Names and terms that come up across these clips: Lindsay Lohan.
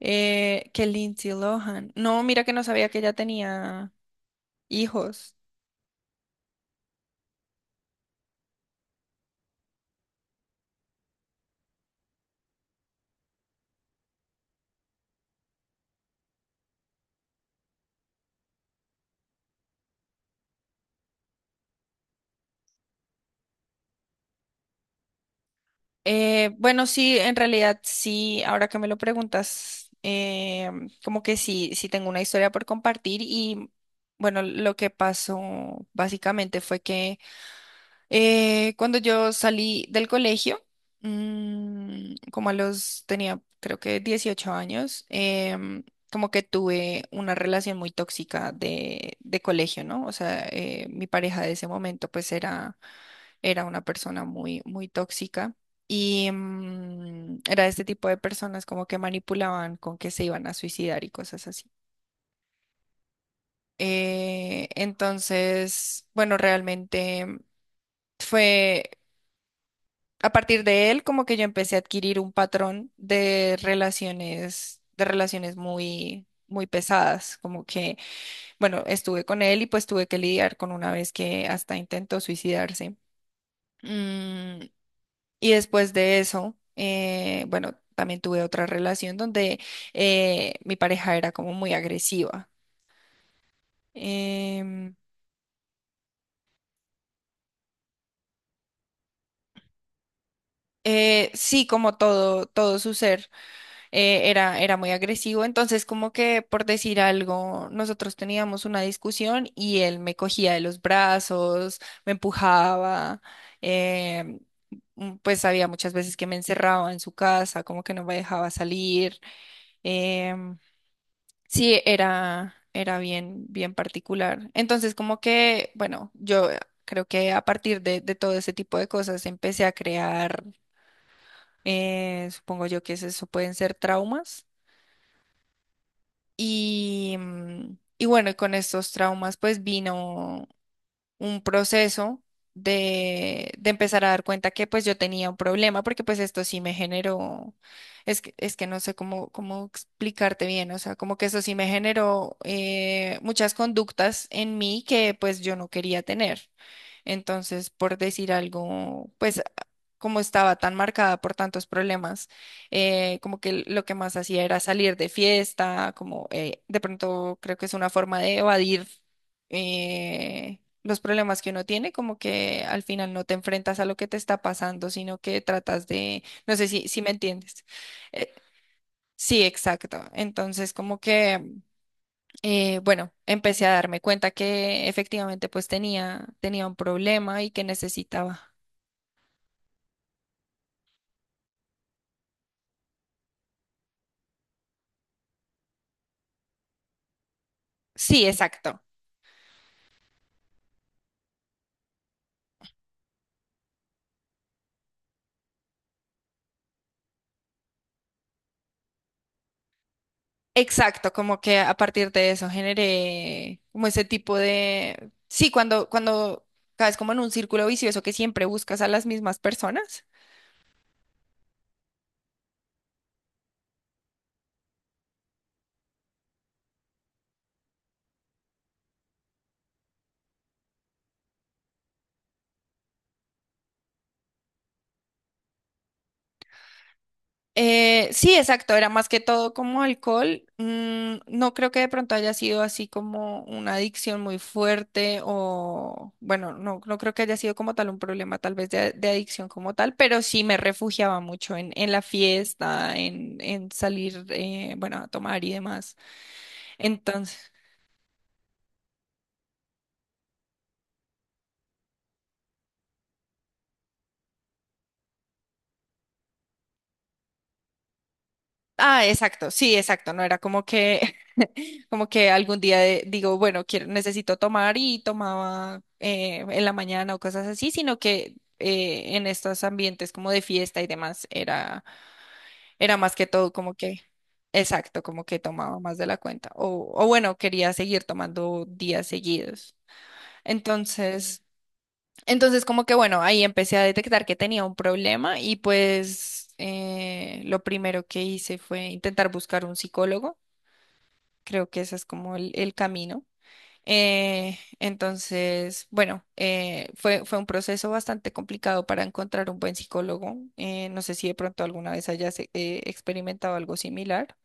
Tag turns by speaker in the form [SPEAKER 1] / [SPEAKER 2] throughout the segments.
[SPEAKER 1] Que Lindsay Lohan. No, mira que no sabía que ella tenía hijos. Bueno, sí, en realidad sí, ahora que me lo preguntas, como que sí, sí tengo una historia por compartir. Y bueno, lo que pasó básicamente fue que... Cuando yo salí del colegio, tenía creo que 18 años, como que tuve una relación muy tóxica de colegio, ¿no? O sea, mi pareja de ese momento pues era, era una persona muy, muy tóxica. Y era este tipo de personas como que manipulaban con que se iban a suicidar y cosas así. Entonces, bueno, realmente fue. A partir de él, como que yo empecé a adquirir un patrón de relaciones, muy, muy pesadas. Como que, bueno, estuve con él y pues tuve que lidiar con una vez que hasta intentó suicidarse. Mm, y después de eso, bueno, también tuve otra relación donde mi pareja era como muy agresiva. Em, sí, como todo, todo su ser. Era, era muy agresivo. Entonces, como que, por decir algo, nosotros teníamos una discusión y él me cogía de los brazos, me empujaba, eh, pues había muchas veces que me encerraba en su casa, como que no me dejaba salir. em, sí, era, era bien, bien particular. Entonces, como que, bueno, yo creo que a partir de todo ese tipo de cosas empecé a crear... Supongo yo que es, eso pueden ser traumas. Y, bueno, y con estos traumas pues vino un proceso de empezar a dar cuenta que pues yo tenía un problema, porque pues esto sí me generó, es que no sé cómo explicarte bien. O sea, como que eso sí me generó, muchas conductas en mí que pues yo no quería tener. Entonces, por decir algo, pues como estaba tan marcada por tantos problemas, como que lo que más hacía era salir de fiesta, como, de pronto creo que es una forma de evadir, los problemas que uno tiene. Como que al final no te enfrentas a lo que te está pasando, sino que tratas de, no sé si me entiendes. Eh, sí, exacto. Entonces, como que, bueno, empecé a darme cuenta que efectivamente pues tenía, tenía un problema y que necesitaba. Sí, exacto. Exacto, como que a partir de eso generé como ese tipo de... Sí, cuando caes como en un círculo vicioso que siempre buscas a las mismas personas. Sí, exacto, era más que todo como alcohol. Mm, no creo que de pronto haya sido así como una adicción muy fuerte. O bueno, no, no creo que haya sido como tal un problema tal vez de adicción como tal, pero sí me refugiaba mucho en la fiesta, en salir, bueno, a tomar y demás. Entonces, ah, exacto, sí, exacto, no era como que... Como que algún día digo, bueno, quiero, necesito tomar, y tomaba, en la mañana o cosas así, sino que, en estos ambientes como de fiesta y demás, era, era más que todo como que, exacto, como que tomaba más de la cuenta. O bueno, quería seguir tomando días seguidos. Entonces, como que bueno, ahí empecé a detectar que tenía un problema, y pues, lo primero que hice fue intentar buscar un psicólogo. Creo que ese es como el camino. Entonces, bueno, fue un proceso bastante complicado para encontrar un buen psicólogo. No sé si de pronto alguna vez hayas, experimentado algo similar.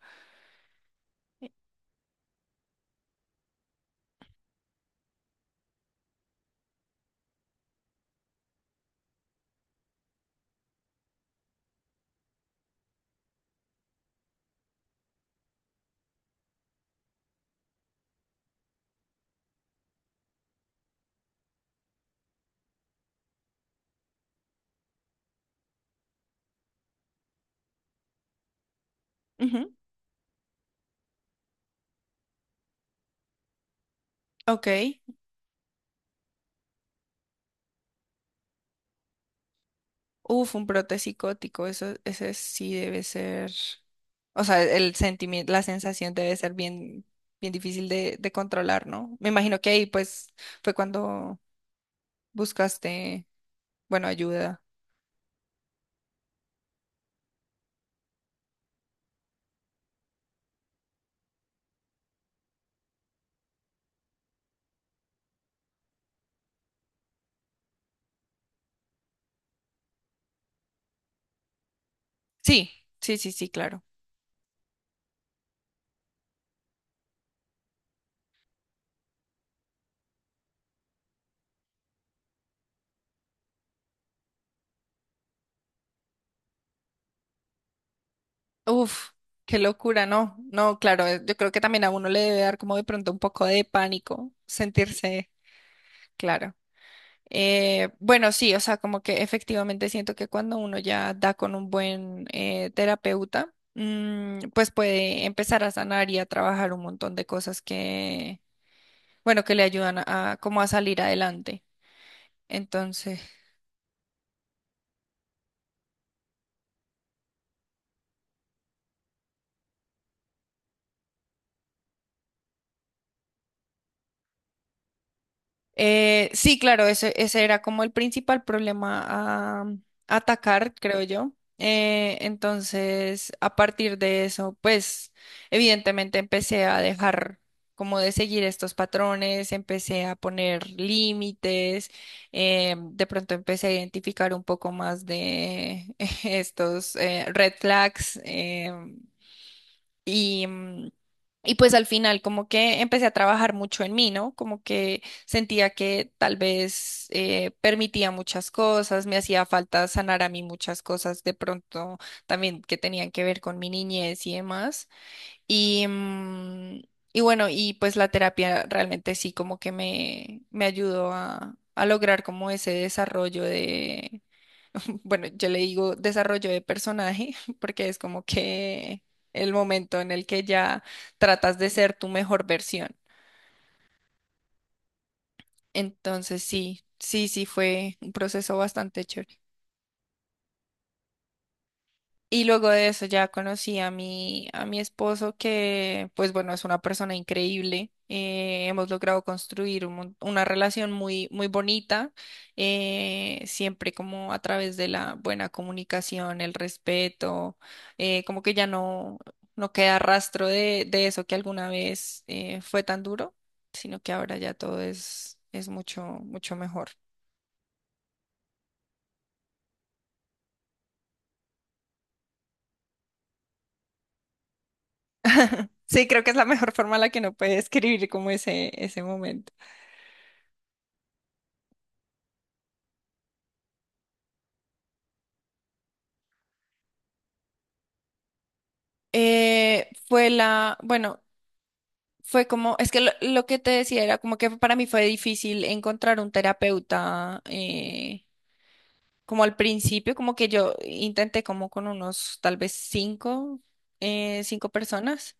[SPEAKER 1] Ujú. Ok. Uf, un brote psicótico, eso, ese sí debe ser. O sea, el sentimiento, la sensación debe ser bien, bien difícil de controlar, ¿no? Me imagino que ahí pues fue cuando buscaste, bueno, ayuda. Sí, sí, sí, sí, claro. Uf, qué locura. No, no, claro, yo creo que también a uno le debe dar como de pronto un poco de pánico sentirse, claro. Bueno, sí, o sea, como que efectivamente siento que cuando uno ya da con un buen, terapeuta, pues puede empezar a sanar y a trabajar un montón de cosas que, bueno, que le ayudan a, como a salir adelante. Entonces, sí, claro, ese era como el principal problema a atacar, creo yo. Entonces, a partir de eso, pues, evidentemente empecé a dejar como de seguir estos patrones, empecé a poner límites, de pronto empecé a identificar un poco más de estos, red flags. Y, mm, y pues al final como que empecé a trabajar mucho en mí, ¿no? Como que sentía que tal vez, permitía muchas cosas, me hacía falta sanar a mí muchas cosas, de pronto también, que tenían que ver con mi niñez y demás. Y, bueno, y pues la terapia realmente sí como que me ayudó a, lograr como ese desarrollo. Bueno, yo le digo desarrollo de personaje, porque es como que el momento en el que ya tratas de ser tu mejor versión. Entonces, sí, sí, sí, fue un proceso bastante chévere. Y luego de eso ya conocí a mi, esposo, que pues bueno, es una persona increíble. Hemos logrado construir un una relación muy, muy bonita, siempre como a través de la buena comunicación, el respeto, como que ya no, no queda rastro de eso que alguna vez, fue tan duro, sino que ahora ya todo es mucho, mucho mejor. Sí, creo que es la mejor forma en la que uno puede describir como ese momento. Bueno, fue como, es que lo que te decía era como que para mí fue difícil encontrar un terapeuta, como al principio, como que yo intenté como con unos tal vez cinco personas.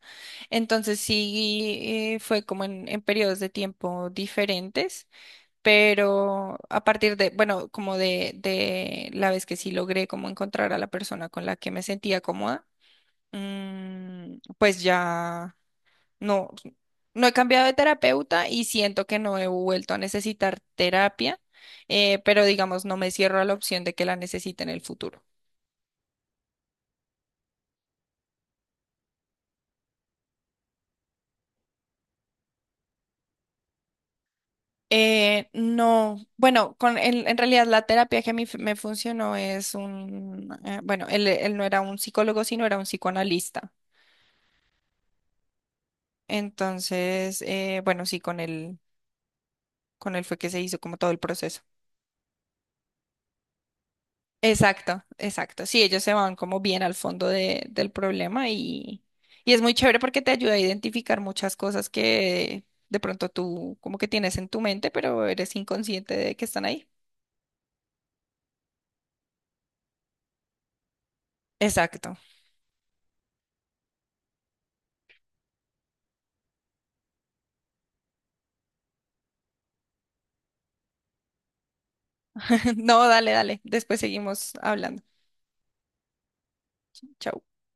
[SPEAKER 1] Entonces, sí, fue como en, periodos de tiempo diferentes, pero a partir de, bueno, como de, la vez que sí logré como encontrar a la persona con la que me sentía cómoda, pues ya. No, no he cambiado de terapeuta, y siento que no he vuelto a necesitar terapia, pero digamos, no me cierro a la opción de que la necesite en el futuro. No, bueno, con en, realidad la terapia que a mí me funcionó es un, bueno, él no era un psicólogo, sino era un psicoanalista. Entonces, bueno, sí, con él, fue que se hizo como todo el proceso. Exacto, exacto. Sí, ellos se van como bien al fondo del problema, y es muy chévere porque te ayuda a identificar muchas cosas que de pronto tú como que tienes en tu mente, pero eres inconsciente de que están ahí. Exacto. No, dale, dale. Después seguimos hablando. Chao.